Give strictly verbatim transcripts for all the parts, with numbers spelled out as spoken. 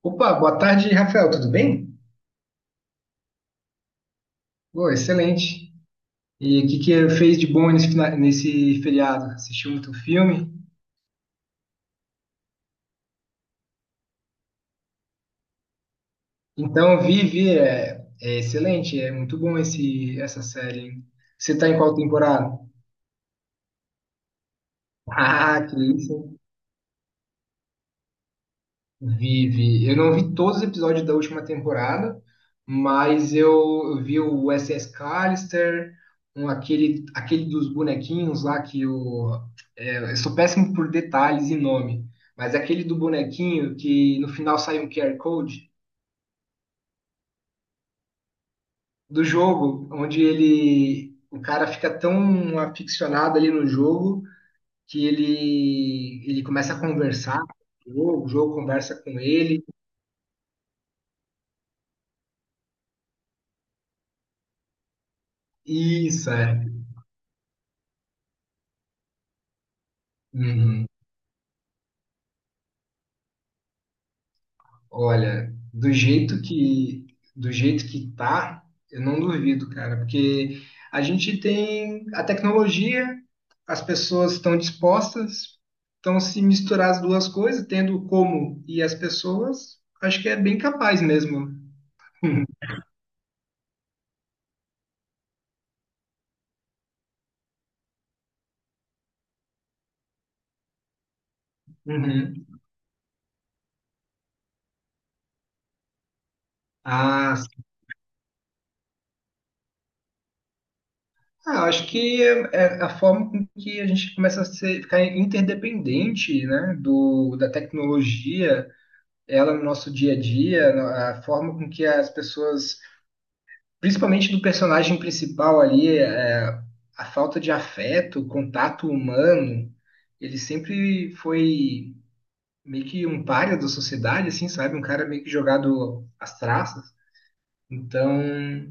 Opa, boa tarde, Rafael, tudo bem? Pô, excelente. E o que que fez de bom nesse, fina- nesse feriado? Assistiu muito filme? Então, vi, vi, é, é excelente, é muito bom esse, essa série, hein? Você tá em qual temporada? Ah, que isso, vive. Eu não vi todos os episódios da última temporada, mas eu eu vi o S S Callister, um, aquele, aquele dos bonequinhos lá que o. É, eu sou péssimo por detalhes e nome, mas aquele do bonequinho que no final sai um Q R Code do jogo, onde ele. O cara fica tão aficionado ali no jogo que ele, ele começa a conversar com o jogo, o jogo conversa com ele. Isso, é. Uhum. Olha, do jeito que do jeito que tá, eu não duvido, cara, porque a gente tem a tecnologia, as pessoas estão dispostas, então se misturar as duas coisas, tendo o como e as pessoas, acho que é bem capaz mesmo. Uhum. Ah, s- ah, acho que é é a forma com que a gente começa a ser- ficar interdependente, né, do, da tecnologia, ela no nosso dia a dia, a forma com que as pessoas principalmente do personagem principal ali, é, a falta de afeto, o contato humano, ele sempre foi meio que um pária da sociedade, assim, sabe? Um cara meio que jogado às traças. Então,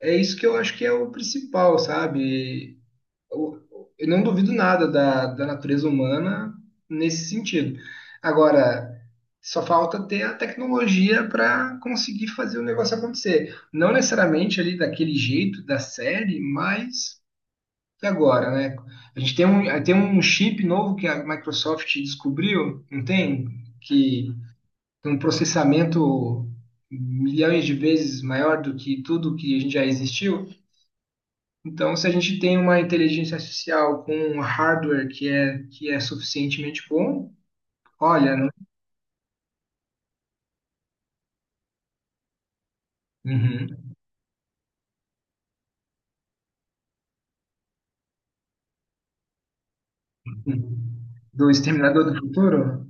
é isso que eu acho que é o principal, sabe? Eu eu não duvido nada da, da natureza humana nesse sentido. Agora, só falta ter a tecnologia para conseguir fazer o negócio acontecer. Não necessariamente ali daquele jeito da série, mas e agora, né? A gente tem um, tem um chip novo que a Microsoft descobriu, não tem? Que tem um processamento milhões de vezes maior do que tudo que a gente já existiu. Então, se a gente tem uma inteligência artificial com um hardware que é, que é suficientemente bom, olha, não. Uhum. Uhum. Do Exterminador do Futuro?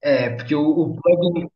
É, porque o, o plugin.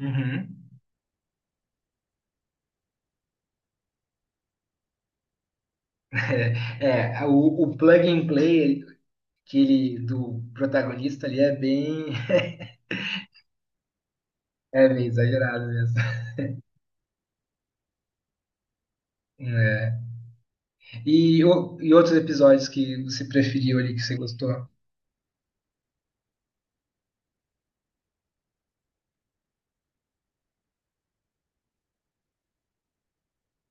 Uhum. É, é, o, o plug and play que ele, do protagonista ali é bem, é bem exagerado mesmo. É. E, o- e outros episódios que você preferiu ali, que você gostou?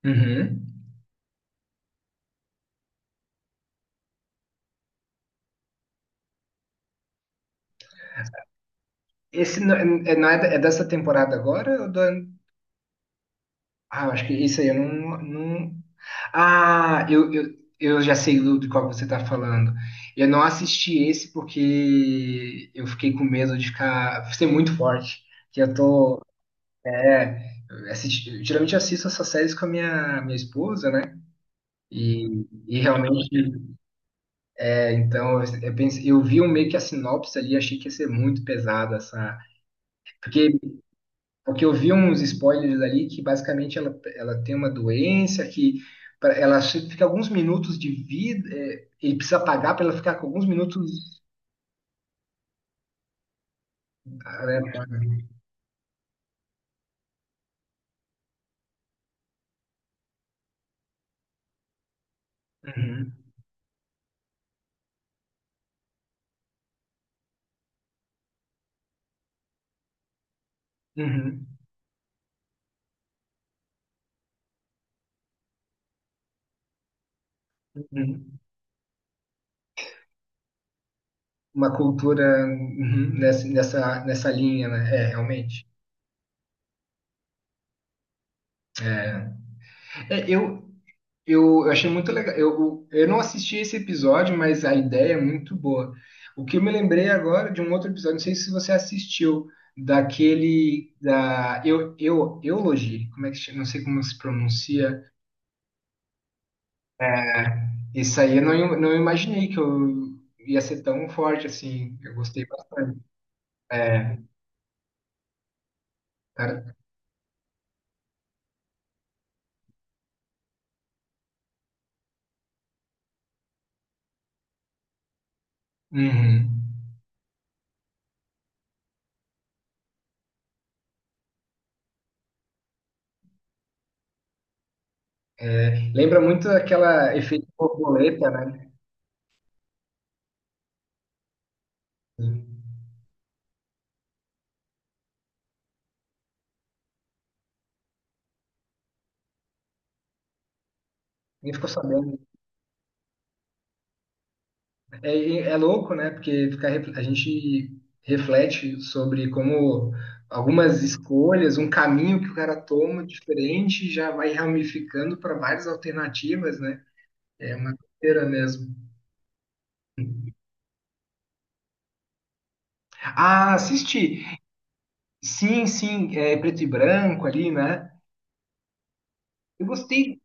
Uhum. Esse não, é, é, não é, da- é dessa temporada agora ou do ah, eu acho que isso aí eu não, não... Ah, eu, eu, eu já sei do, de qual você tá falando. Eu não assisti esse porque eu fiquei com medo de ficar ser muito forte. Que eu tô. É, eu assisti- geralmente eu assisto essas séries com a minha, minha esposa, né? E, e realmente, é, então, eu, eu pensei, eu vi um meio que a sinopse ali, achei que ia ser muito pesada essa. Porque Porque eu vi uns spoilers ali que basicamente ela, ela tem uma doença que pra- ela che- fica alguns minutos de vida, é, ele precisa pagar para ela ficar com alguns minutos. Ah, né, paga. Uhum, uhum, uhum. Uma cultura uhum, nessa, nessa, nessa linha, né? É, realmente. É, eu, Eu, eu achei muito legal. Eu, eu eu não assisti esse episódio, mas a ideia é muito boa. O que eu me lembrei agora de um outro episódio, não sei se você assistiu, daquele da eu, eu, Eulogy, como é que chama? Não sei como se pronuncia. Esse aí eu não, im- não imaginei que eu ia ser tão forte assim. Eu gostei bastante. É, cara, uhum. É, lembra muito aquela efeito borboleta, né? Sim. Nem ficou sabendo. É, é louco, né? Porque fica, ref- a gente reflete sobre como algumas escolhas, um caminho que o cara toma diferente já vai ramificando para várias alternativas, né? É uma doideira mesmo. Ah, assisti! Sim, sim, é preto e branco ali, né? Eu gostei.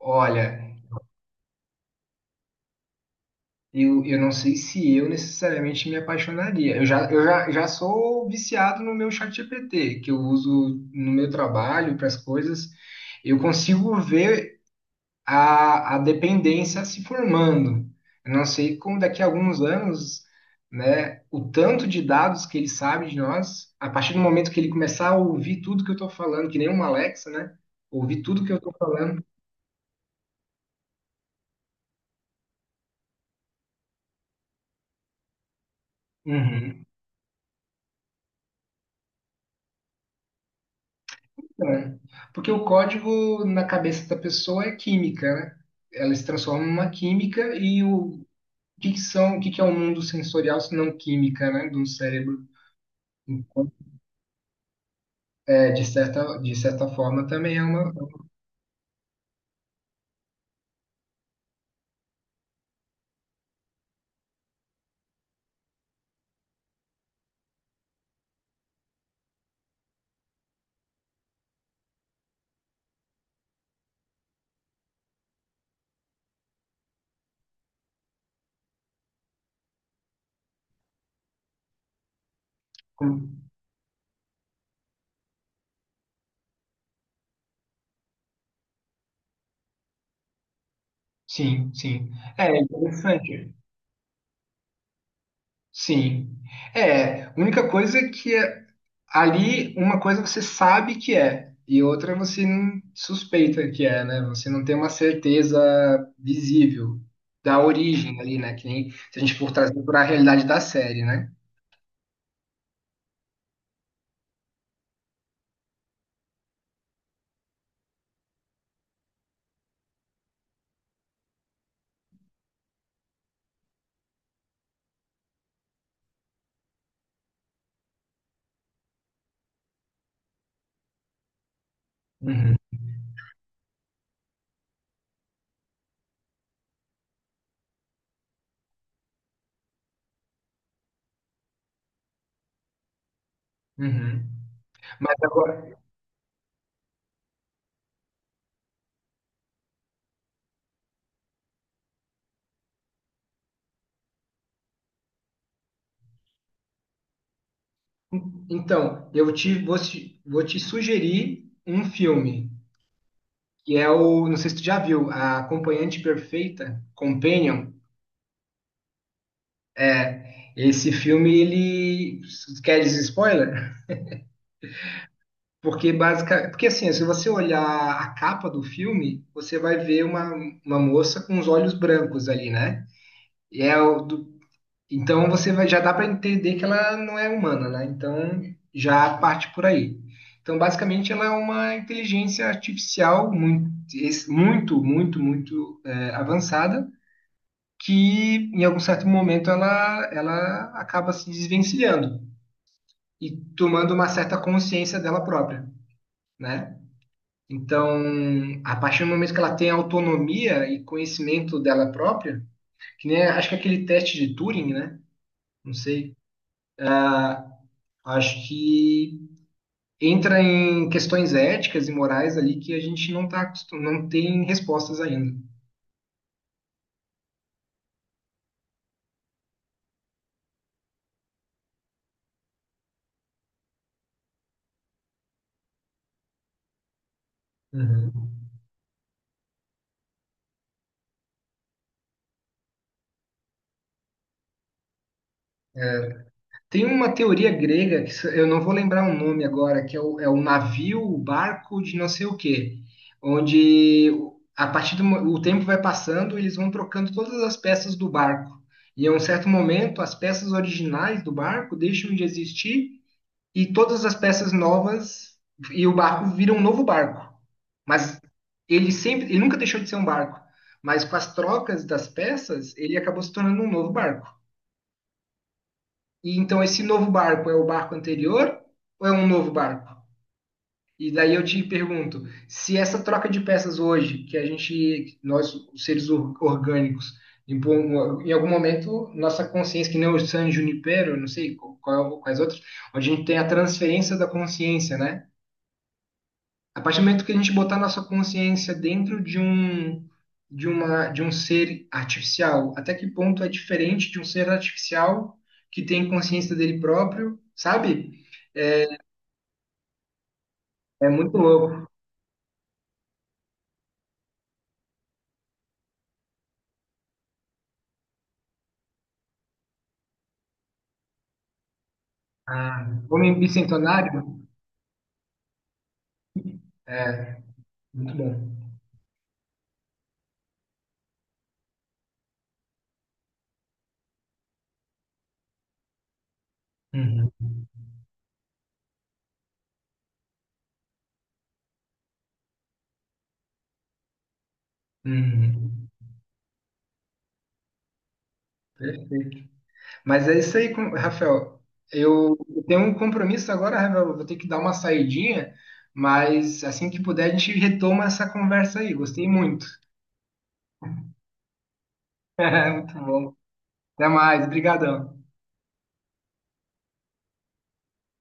Olha, Eu, eu não sei se eu necessariamente me apaixonaria. Eu já, eu já, já sou viciado no meu chat G P T que eu uso no meu trabalho, para as coisas. Eu consigo ver a, a dependência se formando. Eu não sei como daqui a alguns anos, né, o tanto de dados que ele sabe de nós, a partir do momento que ele começar a ouvir tudo que eu estou falando, que nem uma Alexa, né? Ouvir tudo que eu estou falando. Uhum. É. Porque o código na cabeça da pessoa é química, né? Ela se transforma numa química e o o que que são, o que que é o mundo sensorial se não química, né, do cérebro? Então, é, de certa, de certa forma também é uma. Sim, sim. É interessante. Sim. É, a única coisa é que ali uma coisa você sabe que é e outra você não suspeita que é, né? Você não tem uma certeza visível da origem ali, né? Que nem se a gente for trazer para a realidade da série, né? Uhum, uhum. Mas agora, então, eu te vou, te vou te sugerir um filme que é o, não sei se tu já viu, a Acompanhante Perfeita, Companion. É, esse filme, ele quer dizer spoiler? Porque basicamente, porque assim, se você olhar a capa do filme, você vai ver uma, uma moça com os olhos brancos ali, né? E é o do- então você vai, já dá para entender que ela não é humana, né? Então já parte por aí. Então basicamente ela é uma inteligência artificial muito, es- muito, muito, muito é, avançada que em algum certo momento ela, ela acaba se desvencilhando e tomando uma certa consciência dela própria, né? Então, a partir do momento que ela tem autonomia e conhecimento dela própria, que nem acho que é aquele teste de Turing, né? Não sei. Ah, acho que entra em questões éticas e morais ali que a gente não tá acostum- não tem respostas ainda. Uhum. É, tem uma teoria grega, que se- eu não vou lembrar o nome agora, que é o, é o navio, o barco de não sei o quê, onde o- a partir do mo- o tempo vai passando, eles vão trocando todas as peças do barco. E a um certo momento, as peças originais do barco deixam de existir e todas as peças novas e o barco vira um novo barco. Mas ele sempre, ele nunca deixou de ser um barco, mas com as trocas das peças, ele acabou se tornando um novo barco. E então esse novo barco é o barco anterior ou é um novo barco? E daí eu te pergunto, se essa troca de peças hoje, que a gente, nós, os seres or- orgânicos, em, bom- em algum momento, nossa consciência, que nem o San Junipero, não sei qual, qual- quais outros, onde a gente tem a transferência da consciência, né? A partir do momento que a gente botar nossa consciência dentro de um, de uma, de um ser artificial, até que ponto é diferente de um ser artificial que tem consciência dele próprio, sabe? É muito louco. Ah, Homem Bicentenário? É, muito bom. Uhum, uhum. Perfeito. Mas é isso aí, com- Rafael. Eu eu tenho um compromisso agora, Rafael. Eu vou ter que dar uma saidinha, mas assim que puder, a gente retoma essa conversa aí. Gostei muito. Muito bom. Até mais. Obrigadão.